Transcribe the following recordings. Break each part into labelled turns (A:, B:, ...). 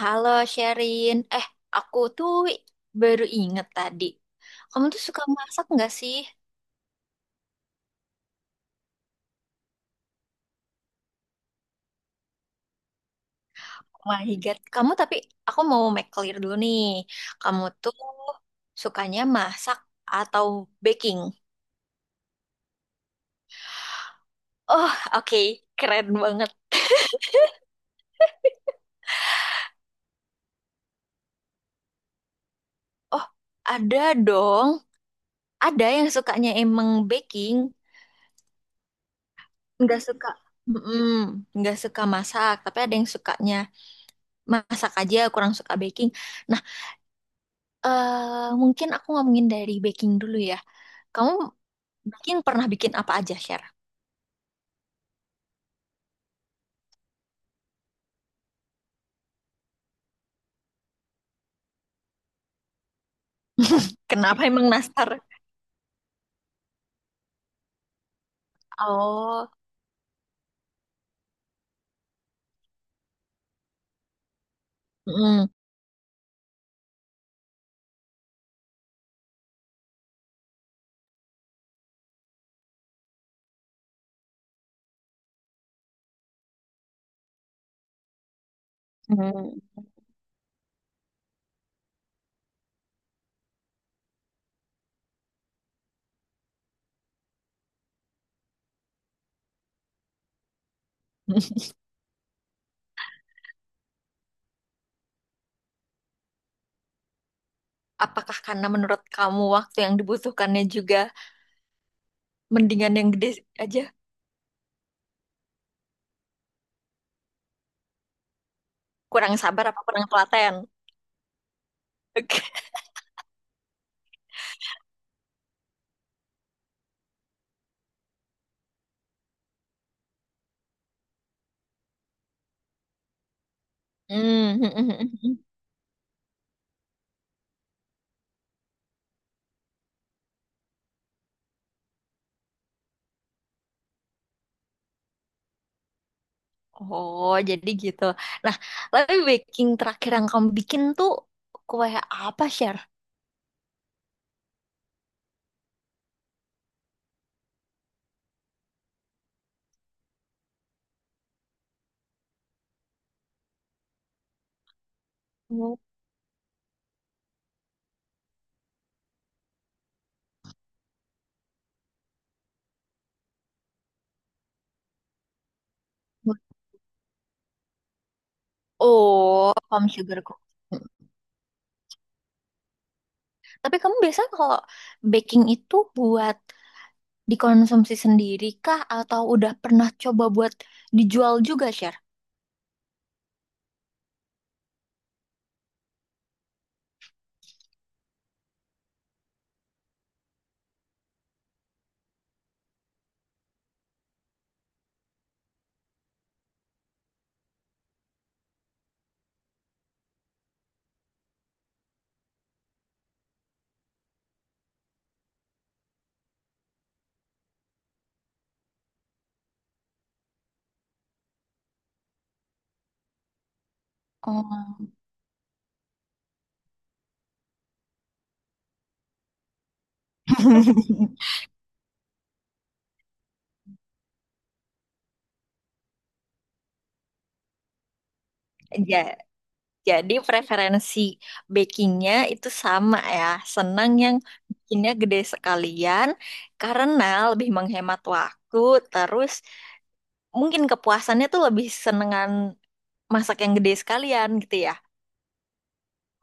A: Halo Sherin, aku tuh baru inget tadi. Kamu tuh suka masak nggak sih? Oh my God, kamu tapi aku mau make clear dulu nih. Kamu tuh sukanya masak atau baking? Oh, oke, keren banget. Oh, ada dong. Ada yang sukanya emang baking, nggak suka, mm-mm, nggak suka masak. Tapi ada yang sukanya masak aja, kurang suka baking. Nah, mungkin aku ngomongin dari baking dulu ya. Kamu pernah bikin apa aja, Share? Kenapa emang nastar? Oh, mm, hmm. Apakah karena menurut kamu waktu yang dibutuhkannya juga mendingan yang gede aja? Kurang sabar apa kurang telaten? Oke. Hmm. Oh, jadi gitu. Nah, tapi baking terakhir yang kamu bikin tuh kue apa, Share? Oh. Oh, palm sugar cookie. Tapi kamu biasanya kalau baking itu buat dikonsumsi sendiri kah atau udah pernah coba buat dijual juga, Share? Oh. Ja- jadi preferensi bakingnya itu sama ya. Senang yang bikinnya gede sekalian karena lebih menghemat waktu. Terus mungkin kepuasannya tuh lebih senengan masak yang gede sekalian gitu ya.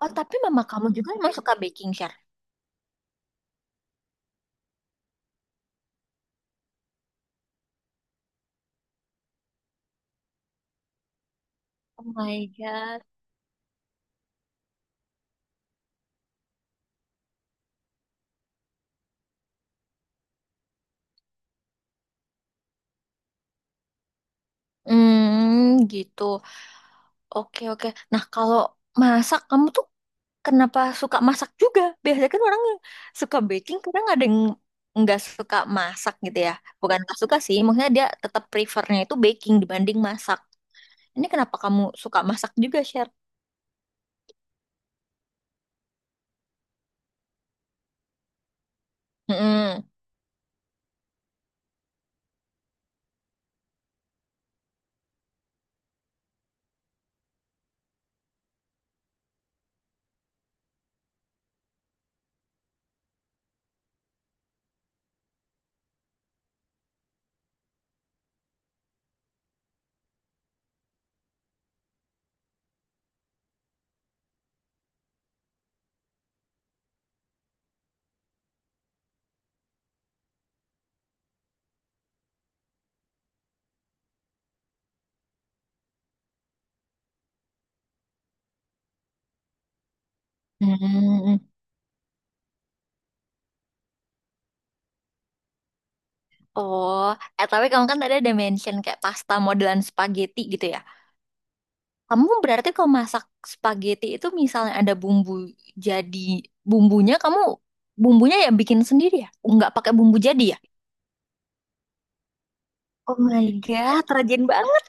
A: Oh, tapi mama kamu juga emang suka baking, Share? Oh my God. Hmm, gitu. Oke, oke. Nah, kalau masak kamu tuh kenapa suka masak juga? Biasanya kan orang yang suka baking, kadang ada yang nggak suka masak gitu ya. Bukan nggak suka sih, maksudnya dia tetap prefernya itu baking dibanding masak. Ini kenapa kamu suka masak juga, Sher? Mm-mm. Hmm. Oh, tapi kamu kan tadi ada mention kayak pasta modelan spaghetti gitu ya. Kamu berarti kalau masak spaghetti itu misalnya ada bumbu jadi bumbunya kamu bumbunya ya bikin sendiri ya? Nggak pakai bumbu jadi ya? Oh my God, rajin banget.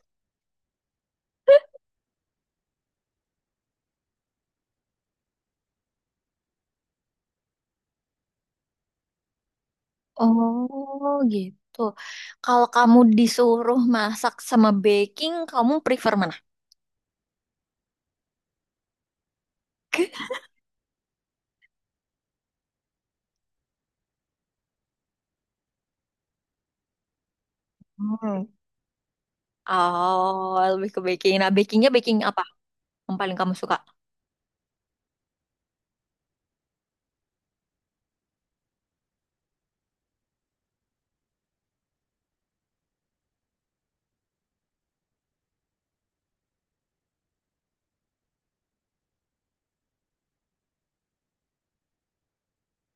A: Oh gitu. Kalau kamu disuruh masak sama baking, kamu prefer mana? Hmm. Oh, lebih ke baking. Nah, bakingnya baking apa yang paling kamu suka?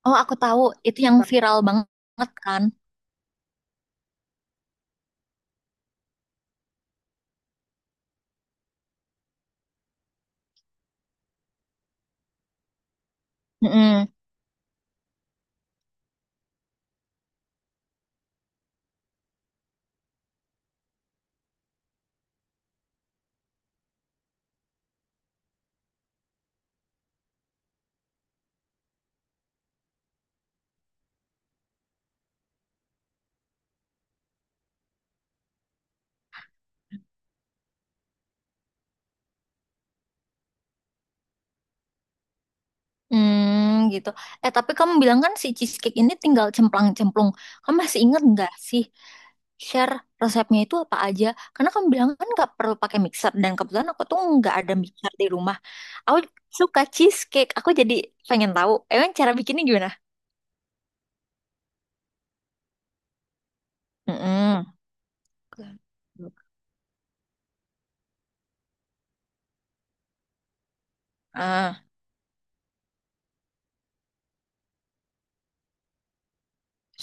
A: Oh, aku tahu. Itu yang viral banget kan? Mm-mm. Hmm, gitu. Eh, tapi kamu bilang kan si cheesecake ini tinggal cemplang-cemplung. Kamu masih inget nggak sih share resepnya itu apa aja? Karena kamu bilang kan nggak perlu pakai mixer dan kebetulan aku tuh nggak ada mixer di rumah. Aku suka cheesecake. Aku jadi pengen tahu. Emang cara bikinnya gimana? Mm-mm. Ah,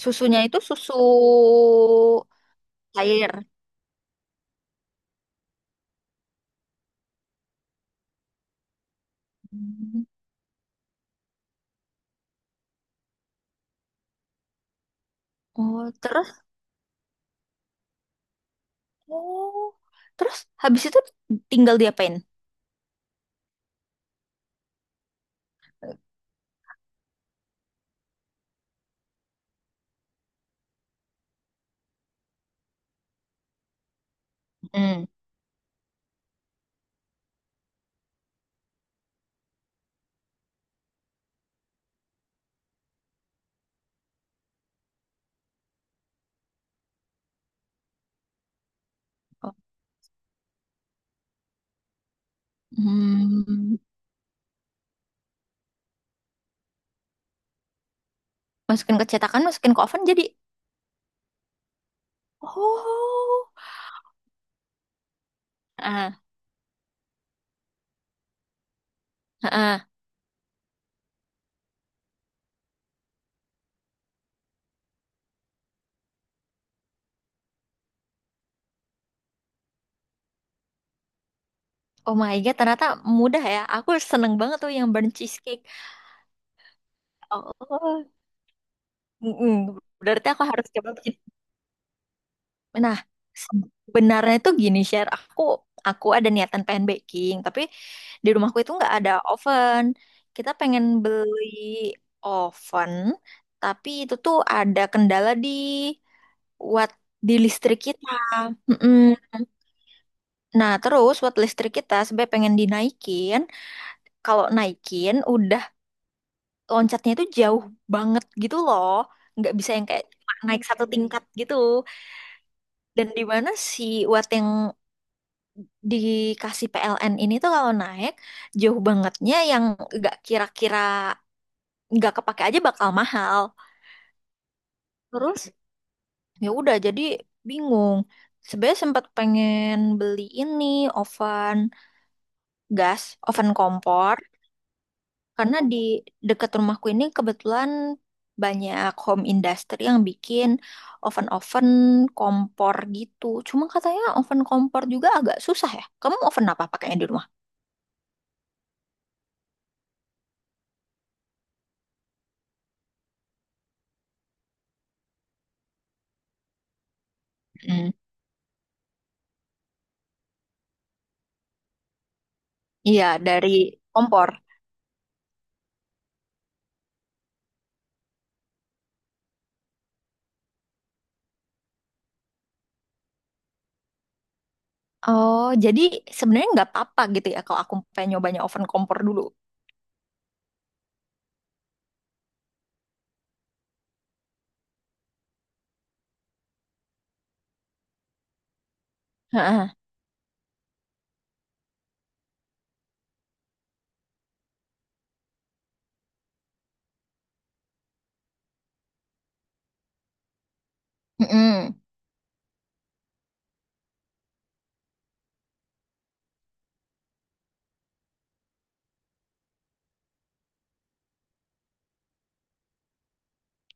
A: susunya itu susu cair. Hmm. Oh, terus, oh, terus habis itu tinggal diapain? Hmm. Hmm, masukin ke cetakan, masukin ke oven jadi. Oh, ah, ah, ah. Oh my god, ternyata mudah ya. Aku seneng banget tuh yang burnt cheesecake. Oh, mm-mm. Berarti aku harus coba bikin. Nah, sebenarnya itu gini share. Aku ada niatan pengen baking, tapi di rumahku itu nggak ada oven. Kita pengen beli oven, tapi itu tuh ada kendala di watt di listrik kita. Mm-mm. Nah, terus watt listrik kita sebenarnya pengen dinaikin. Kalau naikin, udah loncatnya itu jauh banget gitu loh. Nggak bisa yang kayak cuma naik satu tingkat gitu. Dan di mana si watt yang dikasih PLN ini tuh kalau naik, jauh bangetnya yang nggak kira-kira nggak kepake aja bakal mahal. Terus ya udah jadi bingung. Sebenarnya sempat pengen beli ini oven gas, oven kompor. Karena di dekat rumahku ini kebetulan banyak home industry yang bikin oven-oven kompor gitu. Cuma katanya oven kompor juga agak susah ya. Kamu oven apa pakainya di rumah? Hmm. Iya, dari kompor. Oh, jadi sebenarnya nggak apa-apa gitu ya kalau aku pengen nyobanya oven kompor dulu. Heeh. Mm-mm.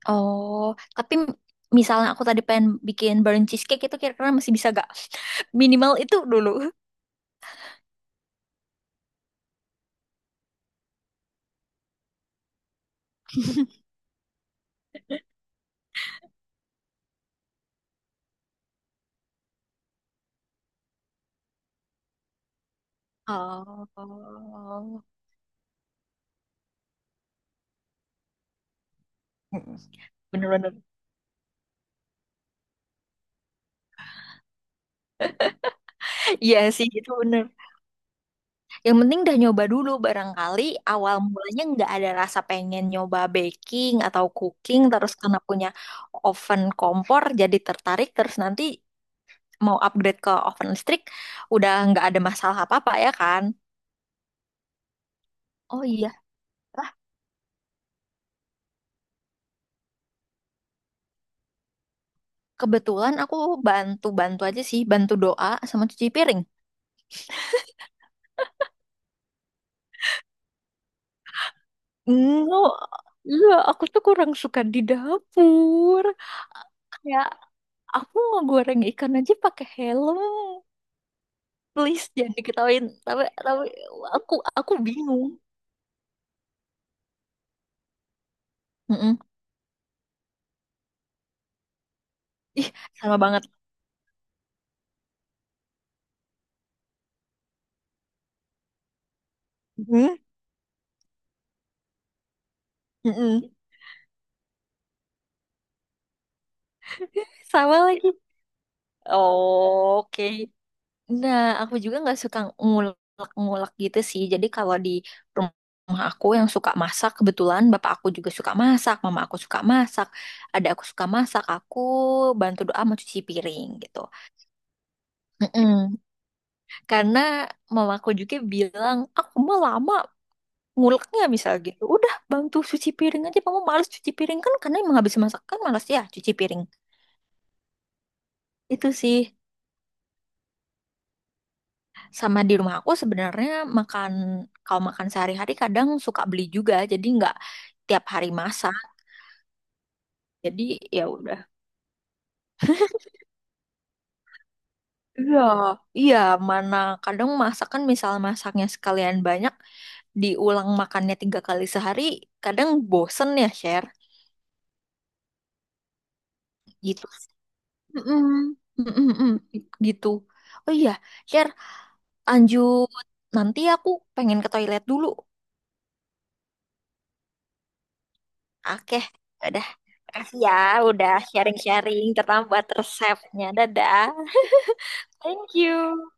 A: Oh, tapi misalnya aku tadi pengen bikin burnt cheesecake itu kira-kira masih bisa gak? Minimal itu dulu. Oh. Bener-bener. Iya sih, itu bener. Yang penting udah nyoba dulu barangkali awal mulanya nggak ada rasa pengen nyoba baking atau cooking, terus karena punya oven kompor jadi tertarik, terus nanti mau upgrade ke oven listrik udah nggak ada masalah apa-apa ya kan? Oh iya, lah kebetulan aku bantu-bantu aja sih, bantu doa sama cuci piring. Enggak, iya aku tuh kurang suka di dapur. Kayak aku ngegoreng ikan aja pakai helm. Please jangan diketawain, tapi aku aku bingung. Mm-mm. Ih, sama banget. Mm-mm. Mm-mm. Sama lagi. Oke, nah aku juga nggak suka ngulek-ngulek gitu sih, jadi kalau di rumah aku yang suka masak kebetulan bapak aku juga suka masak, mama aku suka masak, ada aku suka masak, aku bantu doa mau cuci piring gitu. Mm-mm. Karena mama aku juga bilang aku mau lama ngulek misal gitu udah bantu cuci piring aja, kamu males cuci piring kan karena emang habis masak kan males ya cuci piring itu sih. Sama di rumah aku sebenarnya makan, kalau makan sehari-hari kadang suka beli juga, jadi nggak tiap hari masak jadi ya udah. Iya, iya, mana kadang masak kan misal masaknya sekalian banyak diulang makannya 3 kali sehari kadang bosen ya share gitu. Mm-mm. Mm-mm-mm. Gitu. Oh iya, share, lanjut, nanti aku pengen ke toilet dulu. Oke, udah. Makasih ya, udah sharing-sharing terlambat resepnya. Dadah. Thank you.